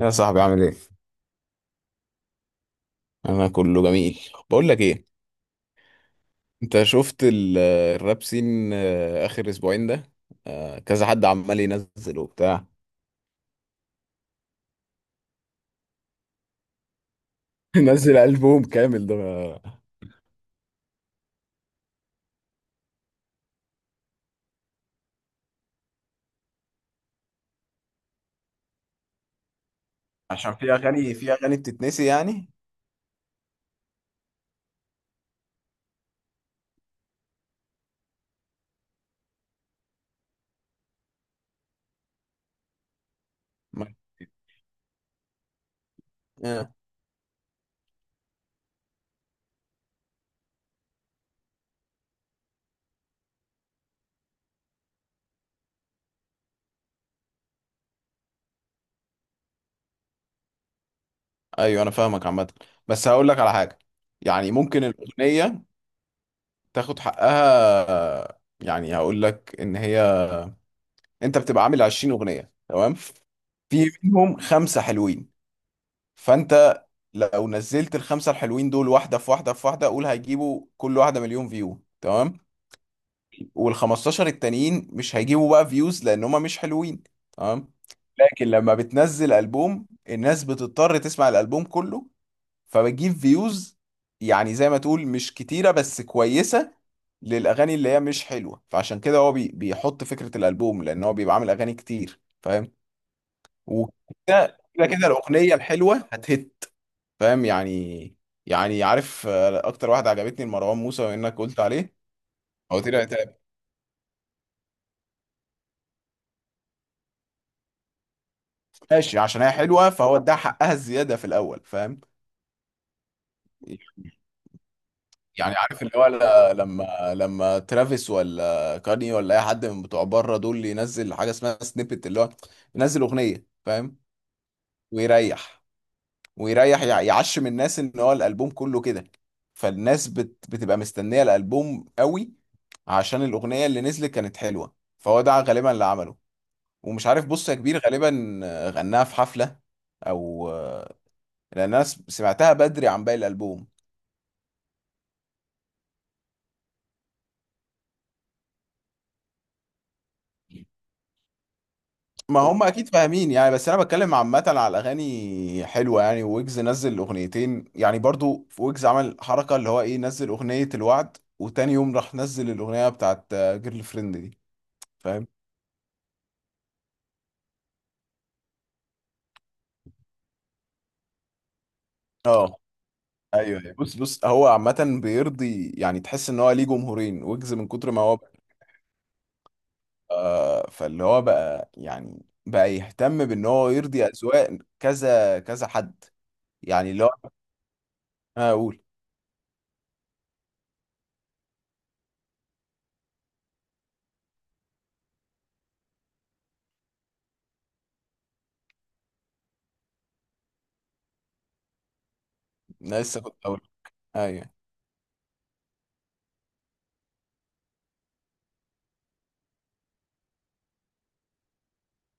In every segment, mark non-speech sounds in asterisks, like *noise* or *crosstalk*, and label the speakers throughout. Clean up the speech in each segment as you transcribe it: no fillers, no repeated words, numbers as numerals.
Speaker 1: يا صاحبي عامل ايه؟ انا كله جميل. بقول لك ايه، انت شفت الراب سين اخر اسبوعين ده. كذا حد عمال ينزل وبتاع. *laughs* نزل ألبوم كامل ده. عشان في اغاني بتتنسي يعني. ما- آه. ايوه انا فاهمك عامه، بس هقول لك على حاجه، يعني ممكن الاغنيه تاخد حقها. يعني هقول لك ان هي، انت بتبقى عامل 20 اغنيه تمام، في منهم خمسه حلوين، فانت لو نزلت الخمسه الحلوين دول واحده في واحده في واحده، قول هيجيبوا كل واحده مليون فيو تمام. وال 15 التانيين مش هيجيبوا بقى فيوز لان هما مش حلوين، تمام. لكن لما بتنزل البوم الناس بتضطر تسمع الالبوم كله، فبتجيب فيوز، يعني زي ما تقول مش كتيره بس كويسه، للاغاني اللي هي مش حلوه. فعشان كده هو بيحط فكره الالبوم لان هو بيبقى عامل اغاني كتير، فاهم. وكده كده كده الاغنيه الحلوه هتهت، فاهم يعني. يعني عارف، اكتر واحده عجبتني لمروان موسى وانك قلت عليه، هو طلع طلع- ماشي عشان هي حلوه فهو اداها حقها الزياده في الاول، فاهم. يعني عارف اللي هو، لما ترافيس ولا كاني ولا اي حد من بتوع بره دول ينزل حاجه اسمها سنيبت، اللي هو ينزل اغنيه فاهم، ويريح. يعشم الناس ان هو الالبوم كله كده، فالناس بتبقى مستنيه الالبوم قوي، عشان الاغنيه اللي نزلت كانت حلوه. فهو ده غالبا اللي عمله، ومش عارف بص يا كبير، غالبا غناها في حفلة او، لان انا سمعتها بدري عن باقي الالبوم. ما هم اكيد فاهمين يعني، بس انا بتكلم عامة على الاغاني حلوة. يعني ويجز نزل اغنيتين، يعني برضو في ويجز عمل حركة اللي هو ايه، نزل اغنية الوعد وتاني يوم راح نزل الاغنية بتاعت جيرل فريند دي، فاهم. اه، ايوه أيوة. بص بص هو عامة بيرضي، يعني تحس ان هو ليه جمهورين، ويجز من كتر ما هو. آه، فاللي هو بقى يهتم بان هو يرضي اذواق كذا كذا حد. يعني اللي هو انا اقول، انا لسه كنت اقول ايوه.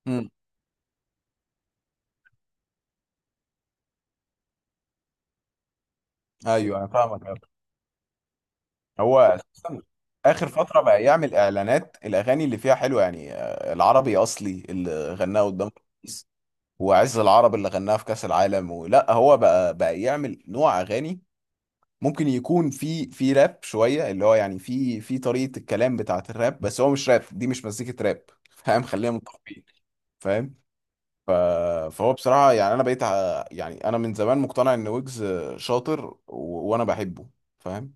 Speaker 1: امم ايوه انا فاهمك أوي. هو أساساً اخر فتره بقى يعمل اعلانات، الاغاني اللي فيها حلوه يعني، العربي اصلي اللي غناه قدام الرئيس، وعز العرب اللي غناها في كاس العالم. ولا هو بقى يعمل نوع اغاني ممكن يكون في راب شويه، اللي هو يعني في طريقه الكلام بتاعه الراب، بس هو مش راب، دي مش مزيكه راب *laughs* فاهم، خلينا متفقين، فاهم. فهو بصراحه يعني انا يعني انا من زمان مقتنع ان ويجز شاطر و... وانا بحبه، فاهم.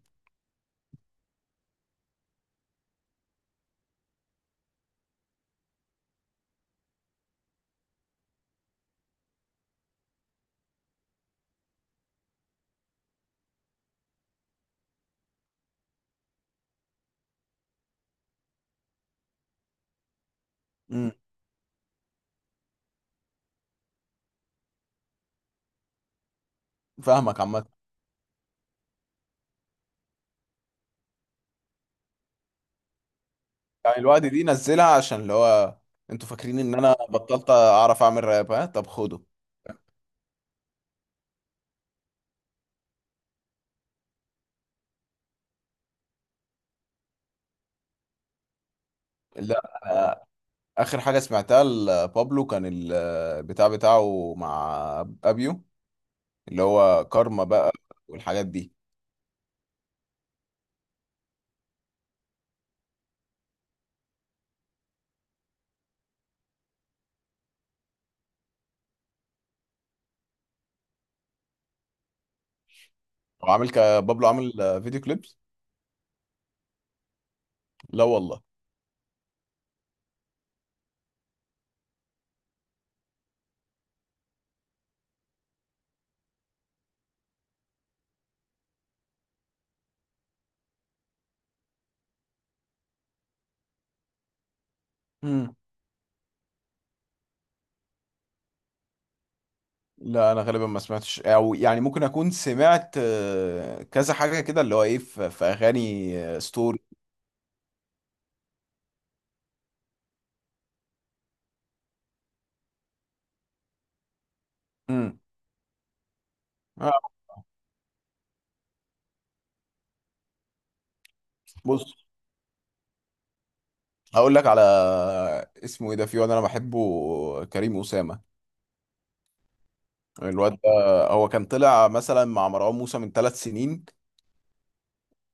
Speaker 1: امم فاهمك عامه. يعني الوقت دي نزلها عشان اللي هو، انتوا فاكرين ان انا بطلت اعرف اعمل راب؟ ها طب خده. لا، اخر حاجه سمعتها لبابلو كان البتاع بتاعه مع ابيو، اللي هو كارما بقى والحاجات دي. هو عامل بابلو عامل فيديو كليبس؟ لا والله. امم لا انا غالبا ما سمعتش، او يعني ممكن اكون سمعت كذا حاجه كده اللي هو ايه، في اغاني ستوري امم آه، بص هقول لك على، اسمه ايه ده، في واد انا بحبه، كريم اسامه. الواد ده هو كان طلع مثلا مع مروان موسى من 3 سنين،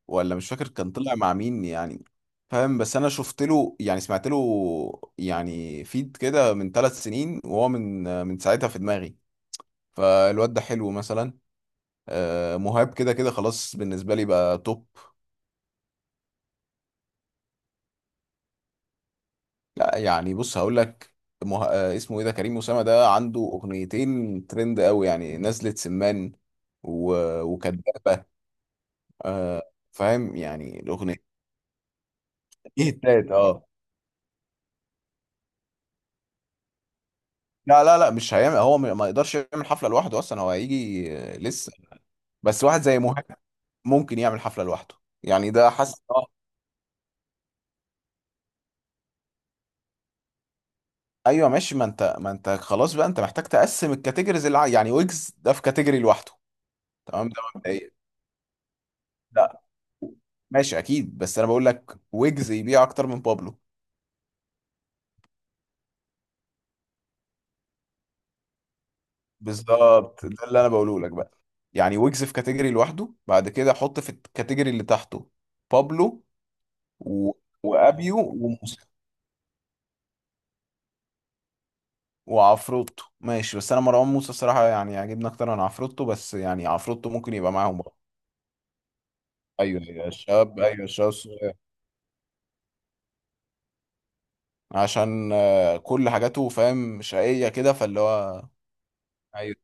Speaker 1: ولا مش فاكر كان طلع مع مين يعني، فاهم. بس انا شفت له يعني سمعت له يعني فيد كده من 3 سنين، وهو من من ساعتها في دماغي. فالواد ده حلو مثلا. مهاب كده كده خلاص، بالنسبه لي بقى توب. لا يعني بص هقول لك، مه... آه، اسمه ايه ده، كريم اسامه ده عنده اغنيتين ترند قوي، يعني نزلة سمان و... وكدابه، آه، فاهم يعني الاغنيتين. التالت اه. لا لا لا مش هيعمل، هو ما يقدرش يعمل حفله لوحده اصلا، هو هيجي لسه بس واحد زي مهاب ممكن يعمل حفله لوحده، يعني ده حاسس. ايوه ماشي، ما انت خلاص بقى، انت محتاج تقسم الكاتيجوريز اللي يعني ويجز ده في كاتيجوري لوحده، تمام ده مبدئيا. لا ماشي اكيد، بس انا بقول لك ويجز يبيع اكتر من بابلو. بالظبط ده اللي انا بقوله لك بقى، يعني ويجز في كاتيجوري لوحده، بعد كده حط في الكاتيجوري اللي تحته بابلو و... وابيو وموسى وعفروتو. ماشي بس انا مروان موسى الصراحه يعني عاجبني اكتر من عفروتو، بس يعني عفروتو ممكن يبقى معاهم برضه. ايوه ايوه الشباب ايوه الشباب، عشان كل حاجاته فاهم شقية كده، فاللي هو، ايوه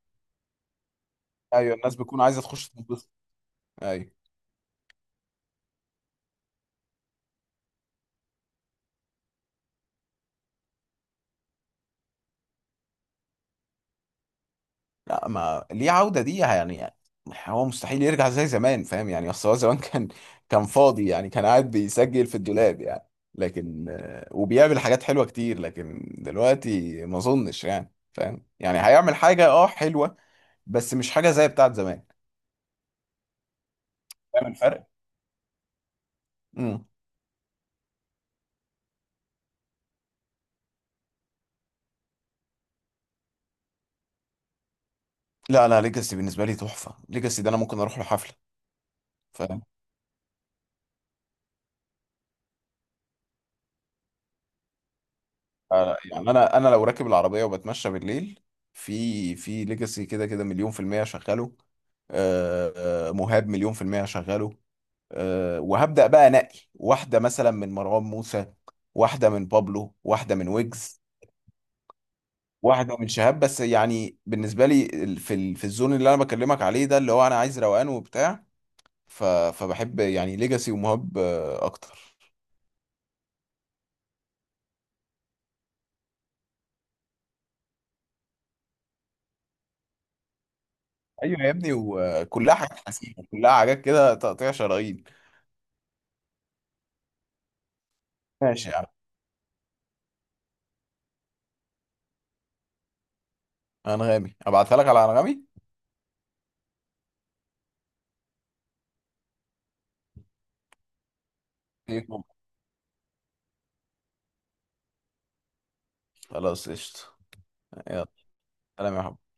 Speaker 1: ايوه الناس بتكون عايزة تخش تنبسط، ايوه. لا ما ليه عودة دي يعني يعني، هو مستحيل يرجع زي زمان، فاهم يعني، اصل هو زمان *laughs* كان كان فاضي يعني، كان قاعد بيسجل في الدولاب يعني. لكن وبيعمل حاجات حلوة كتير، لكن دلوقتي ما اظنش يعني، فاهم يعني هيعمل حاجة اه حلوة، بس مش حاجة زي بتاعت زمان، فاهم الفرق؟ امم لا لا، ليجاسي بالنسبة لي تحفة، ليجاسي ده انا ممكن اروح له حفلة. يعني انا انا لو راكب العربيه وبتمشى بالليل، في ليجاسي كده كده مليون في المية شغاله، آه، مهاب مليون في المية شغاله. وهبدأ بقى انقي واحدة مثلا من مروان موسى، واحدة من بابلو، واحدة من ويجز، واحدة من شهاب. بس يعني بالنسبة لي في الزون اللي انا بكلمك عليه ده، اللي هو انا عايز روقان وبتاع، فبحب يعني ليجاسي ومهاب اكتر ايوه يا ابني، وكلها حاجات حسينة، كلها حاجات كده تقطيع شرايين. ماشي يا عم. انغامي، ابعتها لك على انغامي. خلاص قشطه. يلا، سلام يا حبيبي.